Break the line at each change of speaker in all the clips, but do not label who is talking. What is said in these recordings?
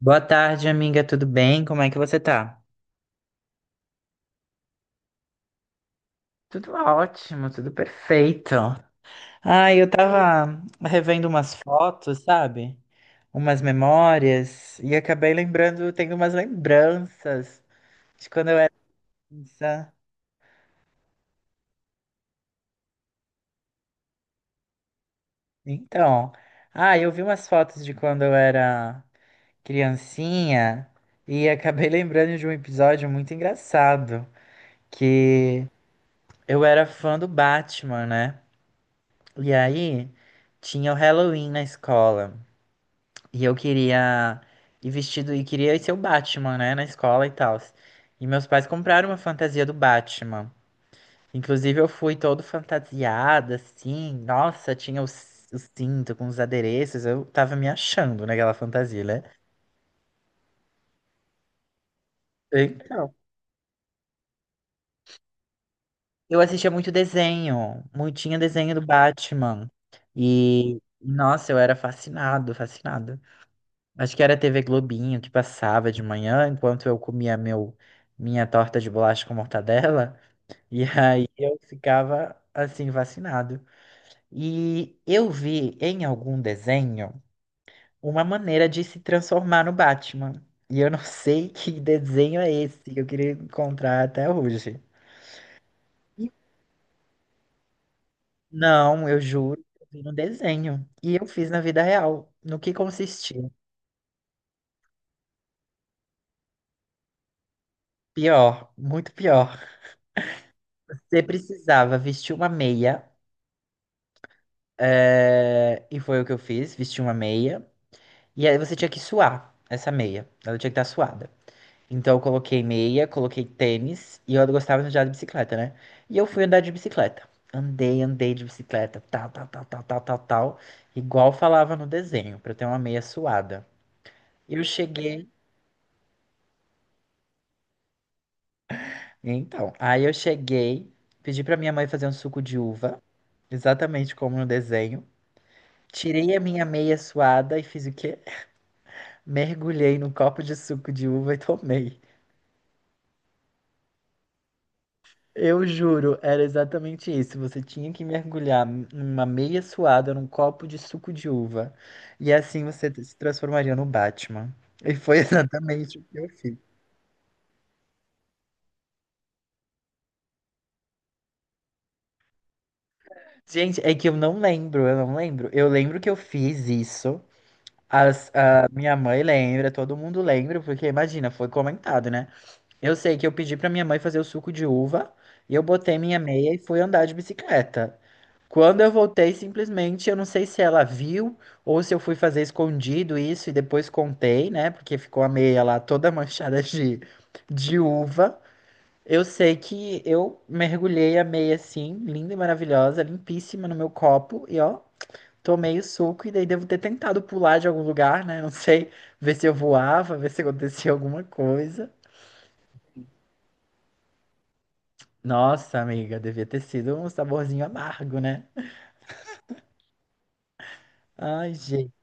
Boa tarde, amiga. Tudo bem? Como é que você tá? Tudo ótimo, tudo perfeito. Eu tava revendo umas fotos, sabe? Umas memórias e acabei lembrando, tenho umas lembranças de quando eu era criança. Então, eu vi umas fotos de quando eu era criancinha e acabei lembrando de um episódio muito engraçado que eu era fã do Batman, né? E aí, tinha o Halloween na escola. E eu queria ir vestido e queria ser o Batman, né, na escola e tal. E meus pais compraram uma fantasia do Batman. Inclusive, eu fui todo fantasiada, assim. Nossa, tinha o cinto com os adereços. Eu tava me achando naquela fantasia, né? Então, eu assistia muito desenho. Muito, tinha desenho do Batman. E, nossa, eu era fascinado, fascinado. Acho que era TV Globinho que passava de manhã, enquanto eu comia minha torta de bolacha com mortadela, e aí eu ficava assim vacinado. E eu vi em algum desenho uma maneira de se transformar no Batman. E eu não sei que desenho é esse que eu queria encontrar até hoje. E Não, eu juro, eu vi no desenho. E eu fiz na vida real. No que consistia? Pior, muito pior. Você precisava vestir uma meia. É, e foi o que eu fiz, vesti uma meia. E aí você tinha que suar essa meia. Ela tinha que estar suada. Então eu coloquei meia, coloquei tênis e eu gostava de andar de bicicleta, né? E eu fui andar de bicicleta. Andei, andei de bicicleta, tal, tal, tal, tal, tal, tal, tal. Igual falava no desenho, pra eu ter uma meia suada. Eu cheguei, então, aí eu cheguei, pedi pra minha mãe fazer um suco de uva, exatamente como no desenho. Tirei a minha meia suada e fiz o quê? Mergulhei num copo de suco de uva e tomei. Eu juro, era exatamente isso. Você tinha que mergulhar uma meia suada num copo de suco de uva. E assim você se transformaria no Batman. E foi exatamente o que eu fiz. Gente, é que eu não lembro. Eu lembro que eu fiz isso. A minha mãe lembra, todo mundo lembra, porque imagina, foi comentado, né? Eu sei que eu pedi pra minha mãe fazer o suco de uva e eu botei minha meia e fui andar de bicicleta. Quando eu voltei, simplesmente, eu não sei se ela viu ou se eu fui fazer escondido isso e depois contei, né? Porque ficou a meia lá toda manchada de uva. Eu sei que eu mergulhei a meia assim, linda e maravilhosa, limpíssima no meu copo e ó, tomei o suco e daí devo ter tentado pular de algum lugar, né? Não sei, ver se eu voava, ver se acontecia alguma coisa. Nossa, amiga, devia ter sido um saborzinho amargo, né? Ai, gente.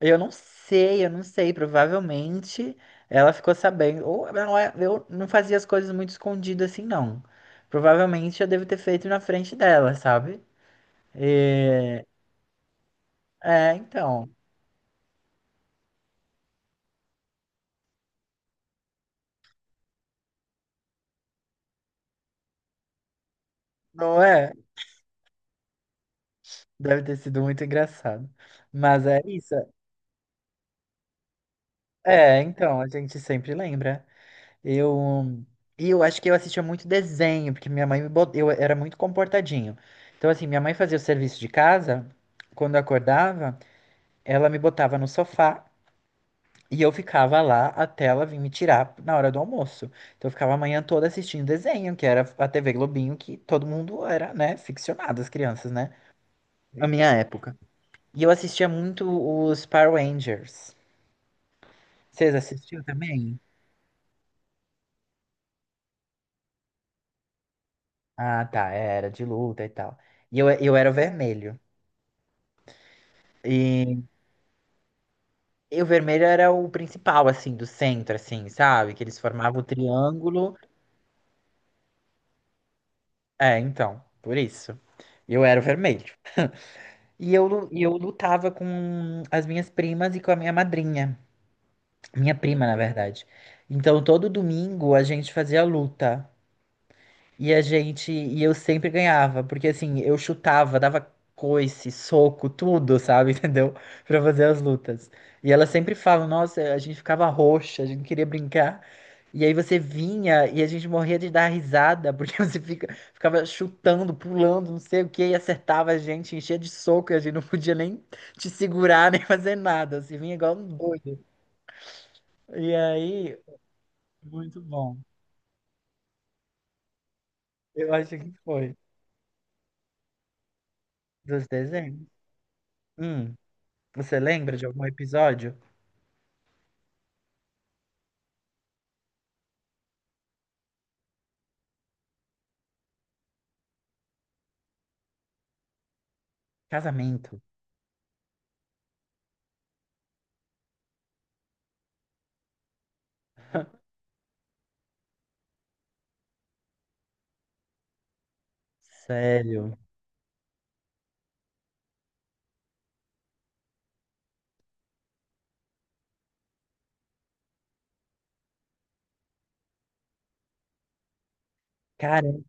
Eu não sei. Provavelmente ela ficou sabendo. Ou não é- Eu não fazia as coisas muito escondido assim, não. Provavelmente eu devo ter feito na frente dela, sabe? É, então. Não é? Deve ter sido muito engraçado. Mas é isso. É, então, a gente sempre lembra. Eu. E eu acho que eu assistia muito desenho, porque minha mãe me bot... eu era muito comportadinho. Então, assim, minha mãe fazia o serviço de casa, quando eu acordava, ela me botava no sofá. E eu ficava lá até ela vir me tirar na hora do almoço. Então eu ficava a manhã toda assistindo desenho, que era a TV Globinho, que todo mundo era, né, ficcionado, as crianças, né? Na minha época. E eu assistia muito os Power Rangers. Vocês assistiam também? Ah, tá, era de luta e tal. Eu era o vermelho. E, e o vermelho era o principal, assim, do centro, assim, sabe? Que eles formavam o triângulo. É, então, por isso. Eu era o vermelho. E eu lutava com as minhas primas e com a minha madrinha. Minha prima, na verdade. Então, todo domingo a gente fazia luta. E eu sempre ganhava, porque assim, eu chutava, dava coice, soco, tudo, sabe, entendeu? Pra fazer as lutas. E ela sempre fala, nossa, a gente ficava roxa, a gente não queria brincar. E aí você vinha e a gente morria de dar risada, porque ficava chutando, pulando, não sei o que e acertava a gente, enchia de soco, e a gente não podia nem te segurar, nem fazer nada. Você vinha igual um doido. E aí, muito bom. Eu acho que foi. Dos desenhos. Hum. Você lembra de algum episódio? Casamento. Sério. Caramba.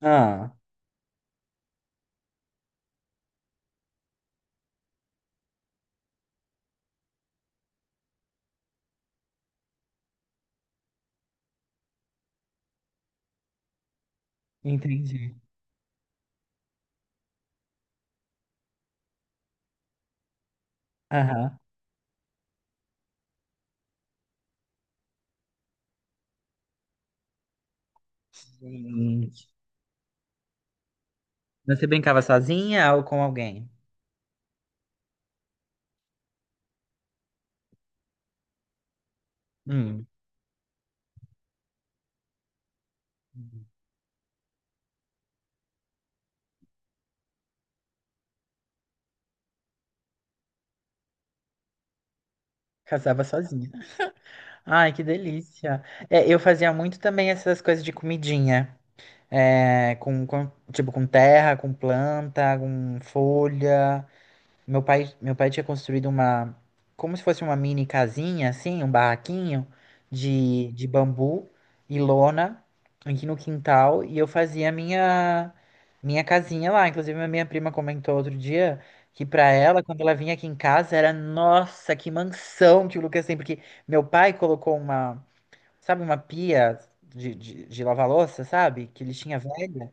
Ah, entendi. Aham. Gente. Você brincava sozinha ou com alguém? Hum. Casava sozinha. Ai, que delícia. É, eu fazia muito também essas coisas de comidinha. É, tipo, com terra, com planta, com folha. Meu pai tinha construído como se fosse uma mini casinha, assim, um barraquinho de bambu e lona aqui no quintal, e eu fazia minha casinha lá. Inclusive, a minha prima comentou outro dia que pra ela, quando ela vinha aqui em casa, era, nossa, que mansão que o Lucas tem, porque meu pai colocou sabe, uma pia de lavar louça, sabe, que ele tinha velha.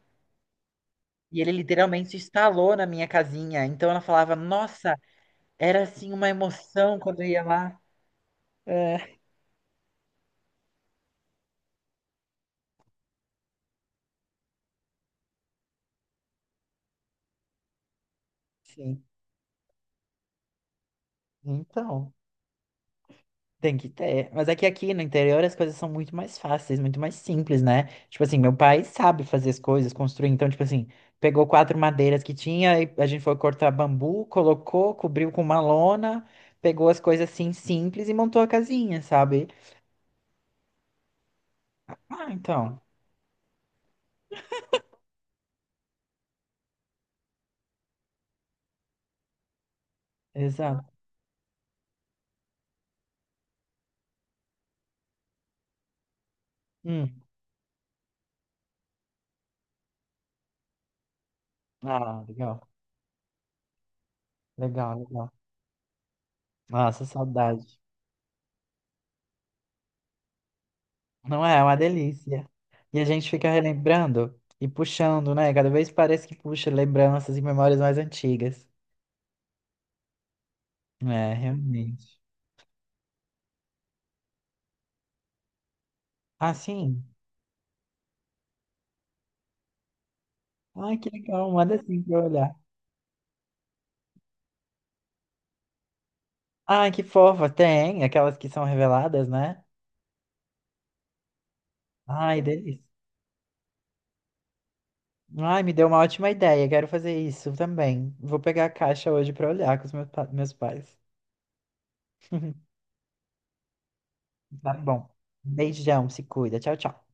E ele literalmente instalou na minha casinha. Então ela falava, nossa, era assim uma emoção quando eu ia lá. É, sim. Então, tem que ter. Mas é que aqui no interior as coisas são muito mais fáceis, muito mais simples, né? Tipo assim, meu pai sabe fazer as coisas, construir. Então, tipo assim, pegou quatro madeiras que tinha, e a gente foi cortar bambu, colocou, cobriu com uma lona, pegou as coisas assim simples e montou a casinha, sabe? Ah, então. Exato. Hum. Ah, legal. Legal, legal. Nossa, saudade. Não é? É uma delícia. E a gente fica relembrando e puxando, né? Cada vez parece que puxa lembranças e memórias mais antigas. É, realmente. Ah, sim? Ai, que legal. Manda assim pra eu olhar. Ai, que fofa. Tem aquelas que são reveladas, né? Ai, delícia. Ai, me deu uma ótima ideia. Quero fazer isso também. Vou pegar a caixa hoje pra olhar com os meus pais. Tá bom. Beijão, se cuida. Tchau, tchau.